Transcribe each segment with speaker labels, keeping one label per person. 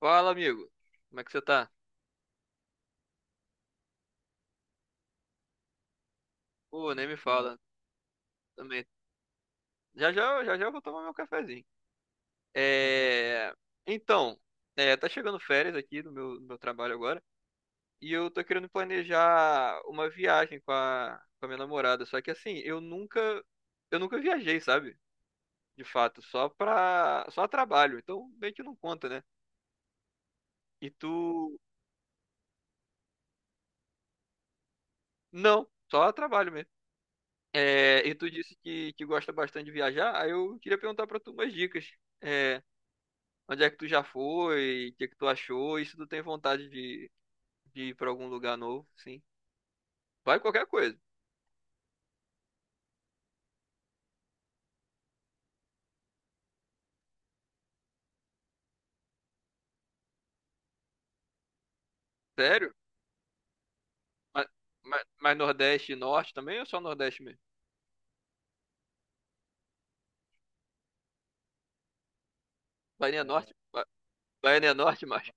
Speaker 1: Fala, amigo. Como é que você tá? Pô, nem me fala. Também. Já já, já já eu vou tomar meu cafezinho. É... Então, tá chegando férias aqui do meu trabalho agora. E eu tô querendo planejar uma viagem com a minha namorada. Só que assim, eu nunca viajei, sabe? De fato, só a trabalho. Então, meio que não conta, né? E tu. Não, só a trabalho mesmo. É, e tu disse que gosta bastante de viajar, aí eu queria perguntar pra tu umas dicas. É, Onde é que tu já foi? O que é que tu achou? E se tu tem vontade de ir pra algum lugar novo, sim. Vai qualquer coisa. Sério? Mas, mas Nordeste e Norte também ou só Nordeste mesmo? Bahia Norte? Bahia Norte, mas.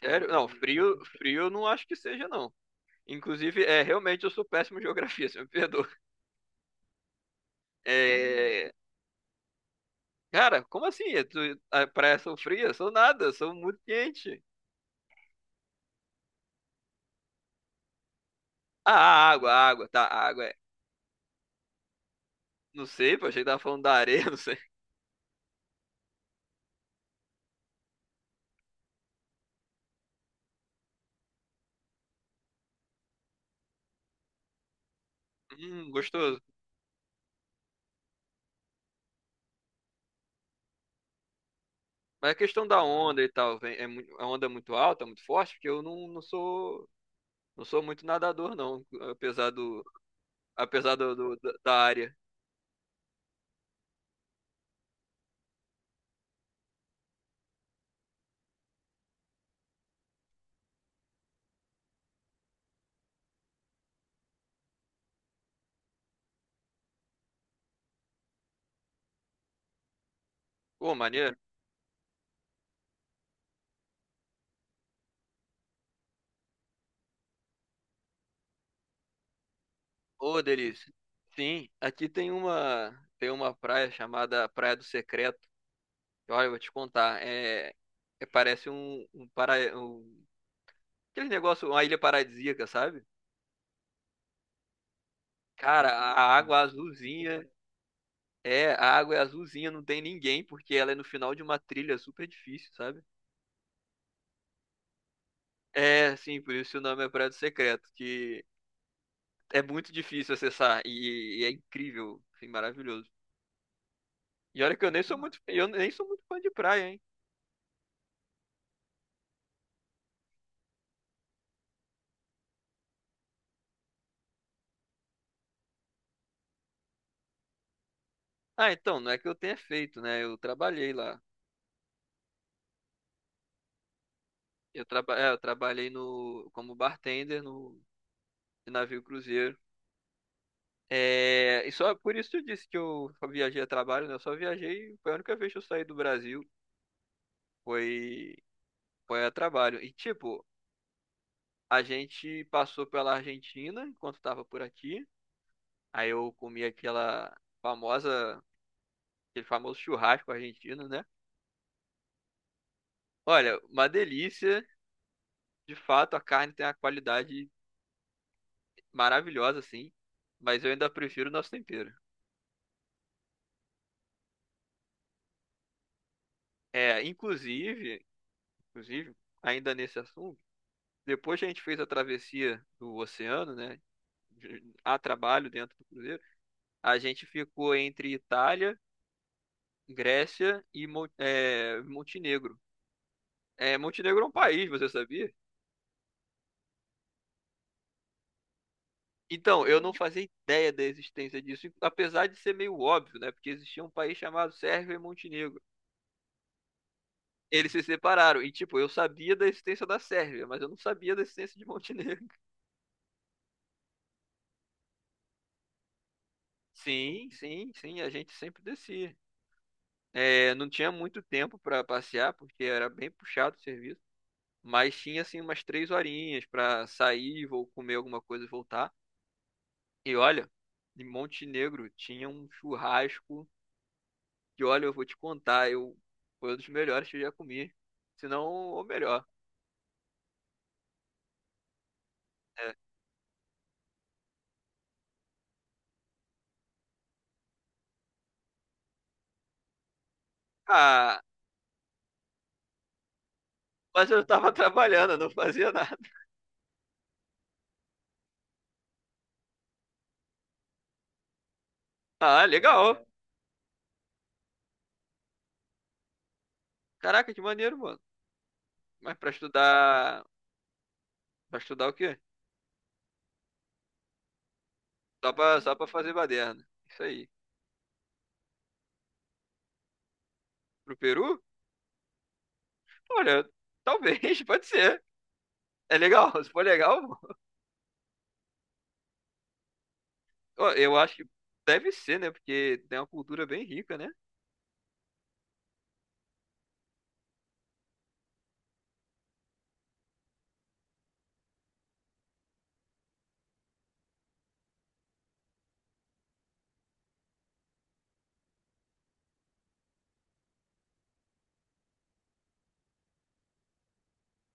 Speaker 1: Sério? Não, frio eu não acho que seja, não. Inclusive, realmente eu sou péssimo em geografia, você me perdoa. É, cara, como assim? É tu, a praia são frias? Sou nada, sou muito quente. Ah, a água, tá, a água é. Não sei, pô, achei que tava falando da areia, não sei. Gostoso. Mas a questão da onda e tal, vem, a onda é muito alta, muito forte, porque eu não, não sou não sou muito nadador, não, apesar do apesar da da área. Ô, maneiro. Ô, delícia. Sim, aqui tem uma praia chamada Praia do Secreto. Olha, eu vou te contar, é- parece um aquele negócio, uma ilha paradisíaca, sabe? Cara, a água é azulzinha, não tem ninguém, porque ela é no final de uma trilha super difícil, sabe? É, sim, por isso o nome é Prédio Secreto, que é muito difícil acessar e é incrível, assim, maravilhoso. E olha que eu nem sou muito fã de praia, hein? Ah, então, não é que eu tenha feito, né? Eu trabalhei lá. Eu trabalhei no como bartender no de navio cruzeiro. É, e só por isso eu disse que eu só viajei a trabalho, né? Eu só viajei, foi a única vez que eu saí do Brasil, foi foi a trabalho. E tipo, a gente passou pela Argentina enquanto tava por aqui. Aí eu comi famosa, aquele famoso churrasco argentino, né? Olha, uma delícia. De fato, a carne tem uma qualidade maravilhosa, assim. Mas eu ainda prefiro o nosso tempero. É, inclusive, ainda nesse assunto, depois que a gente fez a travessia do oceano, né? A trabalho dentro do cruzeiro, a gente ficou entre Itália, Grécia e Montenegro. É, Montenegro é um país, você sabia? Então, eu não fazia ideia da existência disso, apesar de ser meio óbvio, né? Porque existia um país chamado Sérvia e Montenegro. Eles se separaram, e tipo, eu sabia da existência da Sérvia, mas eu não sabia da existência de Montenegro. Sim, sim, sim, a gente sempre descia. É, não tinha muito tempo para passear, porque era bem puxado o serviço, mas tinha assim umas 3 horinhas para sair, vou comer alguma coisa e voltar. E olha, em Montenegro tinha um churrasco que olha, eu vou te contar, eu foi um dos melhores que eu já comi. Se não, o melhor. Né? Ah, mas eu tava trabalhando, eu não fazia nada. Ah, legal. Caraca, que maneiro, mano. Mas pra estudar. Pra estudar o quê? Só pra fazer baderna. Isso aí. Pro Peru? Olha, talvez, pode ser. É legal, se for legal, ó, eu acho que deve ser, né? Porque tem uma cultura bem rica, né?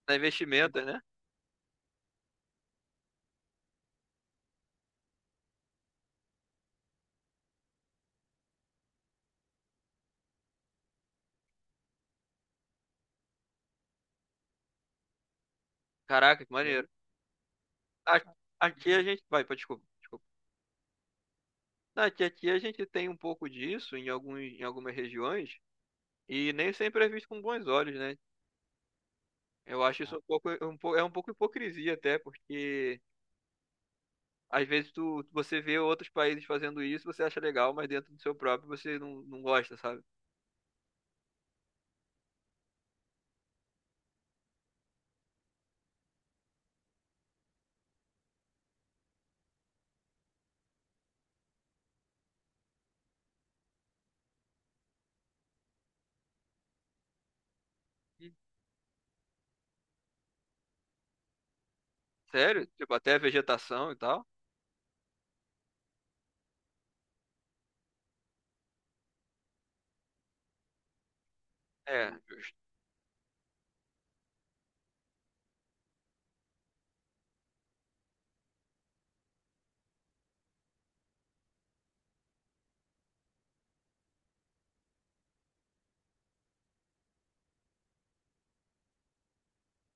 Speaker 1: Na investimentos, né? Caraca, que maneiro. A- Aqui a gente. Vai, pode desculpa. Ah, que aqui a gente tem um pouco disso em algumas regiões e nem sempre é visto com bons olhos, né? Eu acho isso é um pouco hipocrisia até, porque você vê outros países fazendo isso, você acha legal, mas dentro do seu próprio você não gosta, sabe? Hum. Sério? Tipo, até a vegetação e tal. É, justo.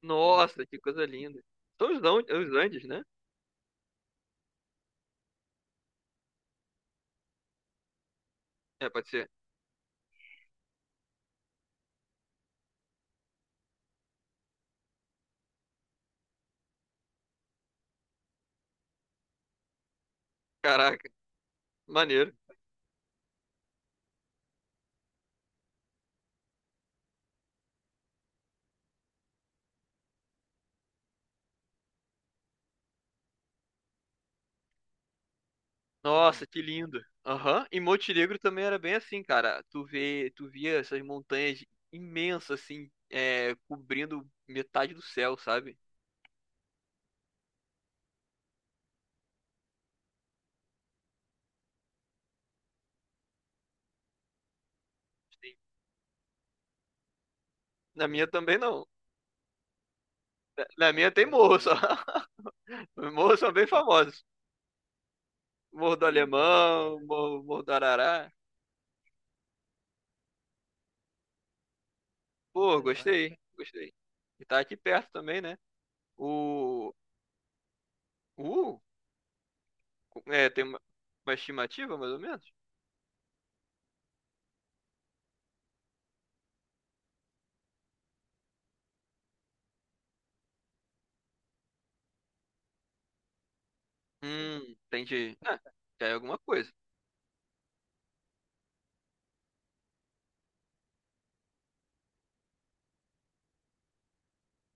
Speaker 1: Nossa, que coisa linda. São os Andes, né? É, pode ser. Caraca, maneiro. Nossa, que lindo. Aham. E Montenegro também era bem assim, cara. Tu via essas montanhas imensas assim, cobrindo metade do céu, sabe? Sim. Na minha também não. Na na minha tem morro só. Os morros são bem famosos. Morro do Alemão, Morro do Arará. Pô, gostei, gostei. E tá aqui perto também, né? O, uh, é, tem uma estimativa mais ou menos? Hum, entendi. Ah, já é alguma coisa.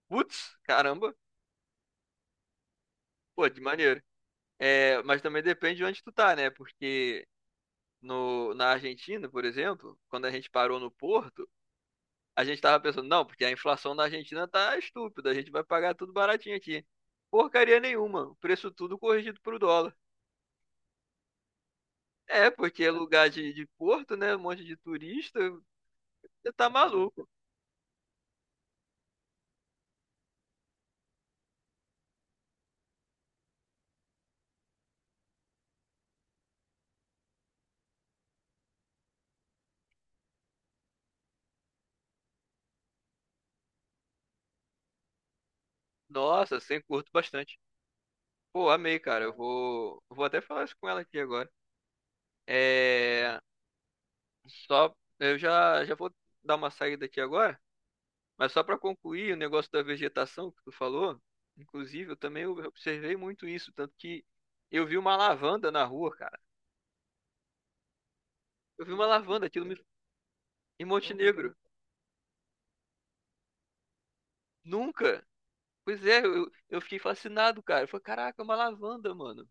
Speaker 1: Putz, caramba. Pô, de maneiro. É, mas também depende de onde tu tá, né? Porque no, na Argentina, por exemplo, quando a gente parou no Porto, a gente tava pensando, não, porque a inflação na Argentina tá estúpida, a gente vai pagar tudo baratinho aqui. Porcaria nenhuma, o preço tudo corrigido pro dólar. É, porque é lugar de porto, né? Um monte de turista, você tá maluco. Nossa, sem curto bastante. Pô, amei, cara. Vou até falar isso com ela aqui agora. É, só, já vou dar uma saída aqui agora. Mas só para concluir, o negócio da vegetação que tu falou, inclusive, eu também observei muito isso, tanto que eu vi uma lavanda na rua, cara. Eu vi uma lavanda, aquilo me... em Montenegro. Nunca. Pois é, eu fiquei fascinado, cara. Eu falei, caraca, é uma lavanda, mano.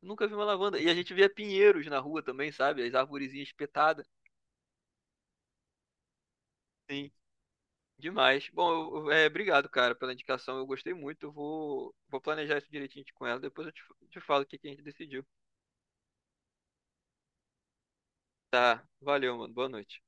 Speaker 1: Nunca vi uma lavanda. E a gente via pinheiros na rua também, sabe? As arvorezinhas espetadas. Sim, demais. Bom, obrigado, cara, pela indicação. Eu gostei muito. Vou planejar isso direitinho com ela. Depois te falo o que que a gente decidiu. Tá, valeu, mano. Boa noite.